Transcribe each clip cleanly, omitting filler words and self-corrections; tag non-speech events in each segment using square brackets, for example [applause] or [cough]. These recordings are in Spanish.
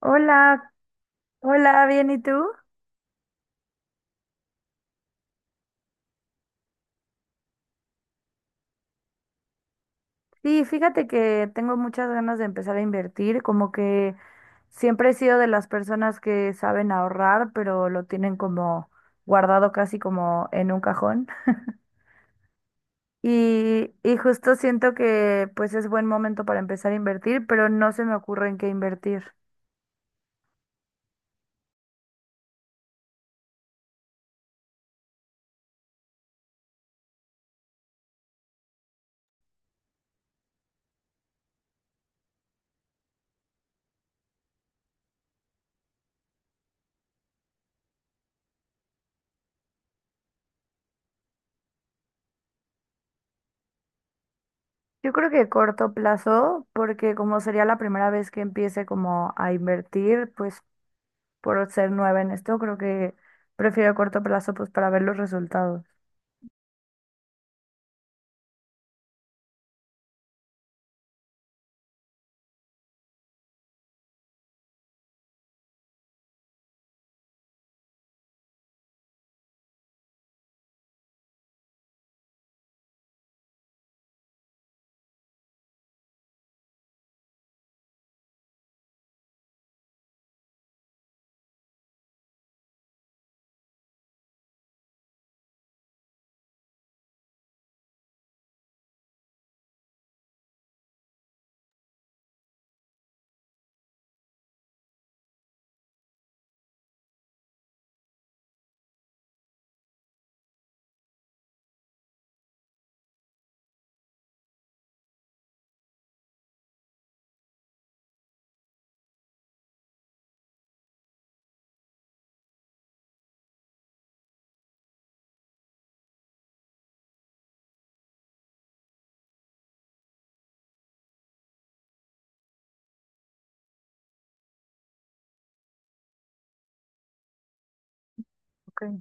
Hola, hola, bien, ¿y tú? Sí, fíjate que tengo muchas ganas de empezar a invertir, como que siempre he sido de las personas que saben ahorrar, pero lo tienen como guardado casi como en un cajón. Y justo siento que pues es buen momento para empezar a invertir, pero no se me ocurre en qué invertir. Yo creo que corto plazo, porque como sería la primera vez que empiece como a invertir, pues por ser nueva en esto, creo que prefiero a corto plazo pues para ver los resultados. Ok.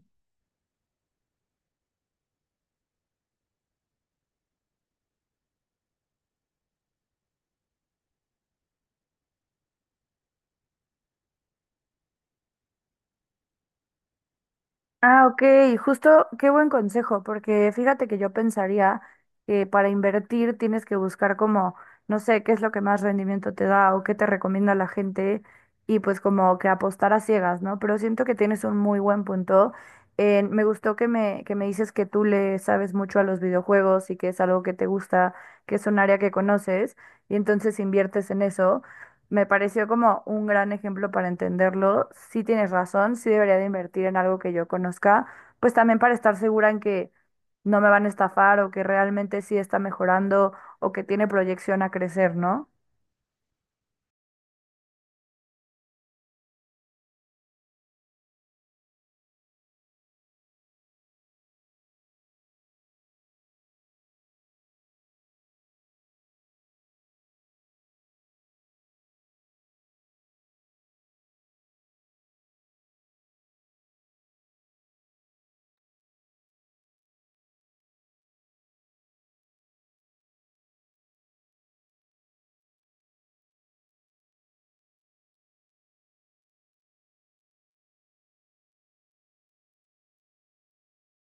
Ah, ok, justo qué buen consejo, porque fíjate que yo pensaría que para invertir tienes que buscar como, no sé, qué es lo que más rendimiento te da o qué te recomienda la gente y pues como que apostar a ciegas, ¿no? Pero siento que tienes un muy buen punto. Me gustó que me dices que tú le sabes mucho a los videojuegos y que es algo que te gusta, que es un área que conoces y entonces inviertes en eso. Me pareció como un gran ejemplo para entenderlo. Sí tienes razón, sí debería de invertir en algo que yo conozca, pues también para estar segura en que no me van a estafar o que realmente sí está mejorando o que tiene proyección a crecer, ¿no?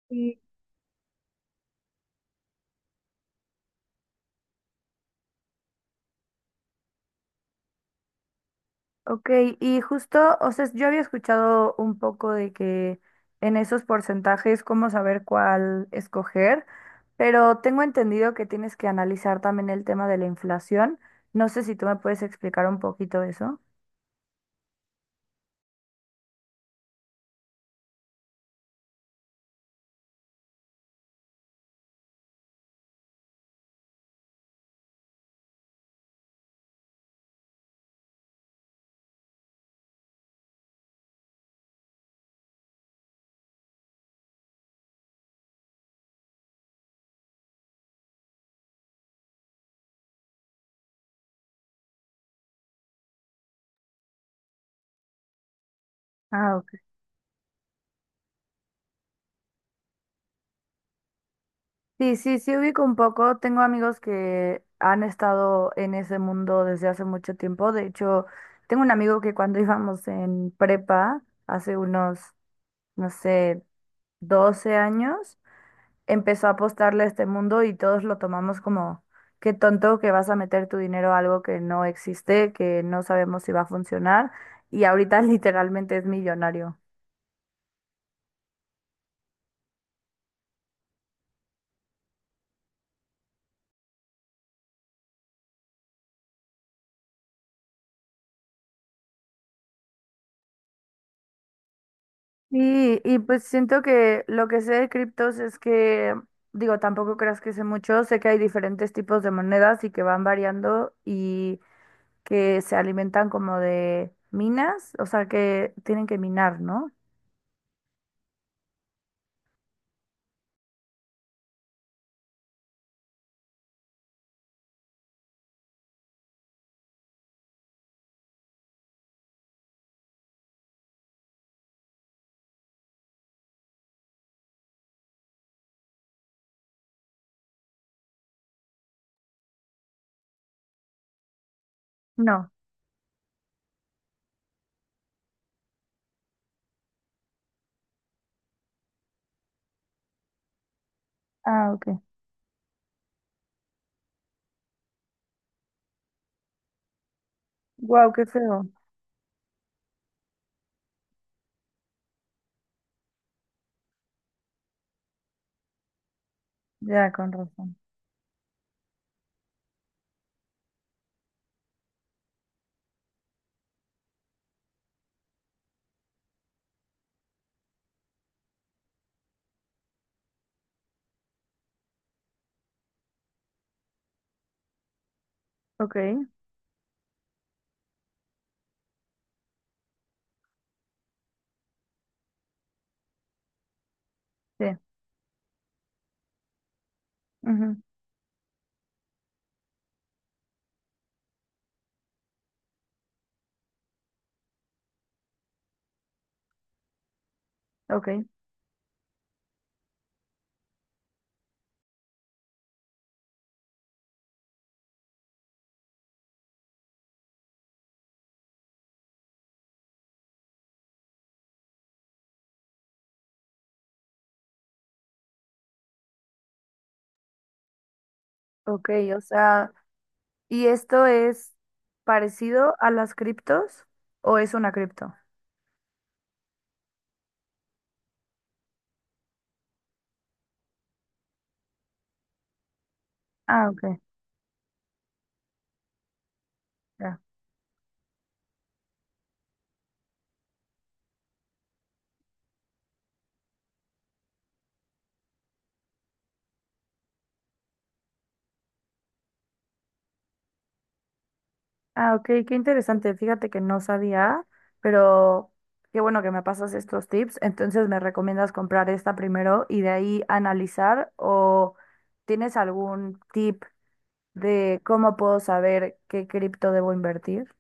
Sí. Ok, y justo, o sea, yo había escuchado un poco de que en esos porcentajes, cómo saber cuál escoger, pero tengo entendido que tienes que analizar también el tema de la inflación. No sé si tú me puedes explicar un poquito eso. Ah, sí, sí, sí ubico un poco. Tengo amigos que han estado en ese mundo desde hace mucho tiempo. De hecho, tengo un amigo que cuando [laughs] íbamos en prepa, hace unos, no sé, 12 años, empezó a apostarle a este mundo y todos lo tomamos como, qué tonto que vas a meter tu dinero a algo que no existe, que no sabemos si va a funcionar. Y ahorita [laughs] literalmente es millonario. Y pues siento que lo que sé de criptos es que, digo, tampoco creas que sé mucho, sé que hay diferentes tipos de monedas y que van variando y que se alimentan como de minas, o sea que tienen que minar, ¿no? No. Ah, ok. Wow, qué feo. Ya, con razón. Ok, sí, ujú, ok, ok, o sea, ¿y esto es parecido a las criptos o es una cripto? Ah, ok, ya. Ah, ok, qué interesante. Fíjate que no sabía, pero qué bueno que me pasas estos tips. Entonces, ¿me recomiendas comprar esta primero y de ahí analizar? ¿O tienes algún tip de cómo puedo saber qué cripto debo invertir?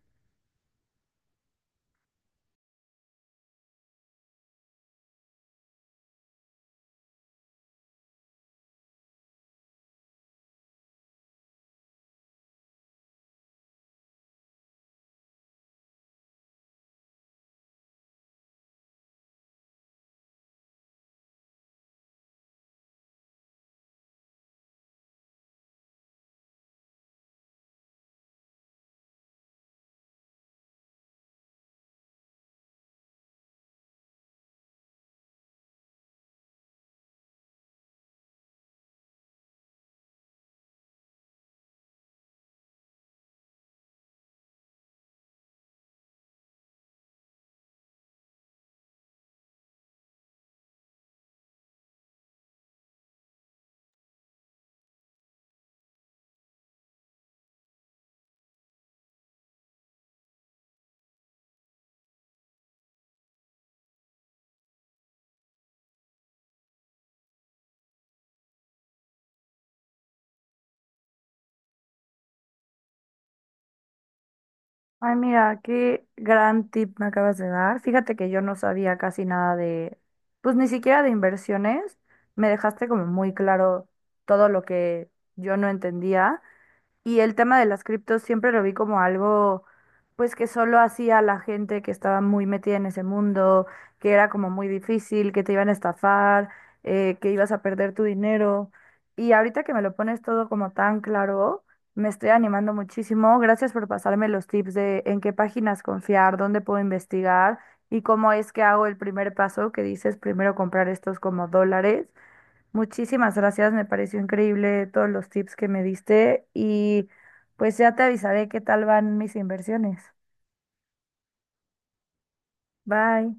Ay, mira, qué gran tip me acabas de dar. Fíjate que yo no sabía casi nada de, pues ni siquiera de inversiones. Me dejaste como muy claro todo lo que yo no entendía. Y el tema de las criptos siempre lo vi como algo, pues que solo hacía la gente que estaba muy metida en ese mundo, que era como muy difícil, que te iban a estafar, que ibas a perder tu dinero. Y ahorita que me lo pones todo como tan claro, me estoy animando muchísimo. Gracias por pasarme los tips de en qué páginas confiar, dónde puedo investigar y cómo es que hago el primer paso que dices, primero comprar estos como dólares. Muchísimas gracias, me pareció increíble todos los tips que me diste y pues ya te avisaré qué tal van mis inversiones. Bye.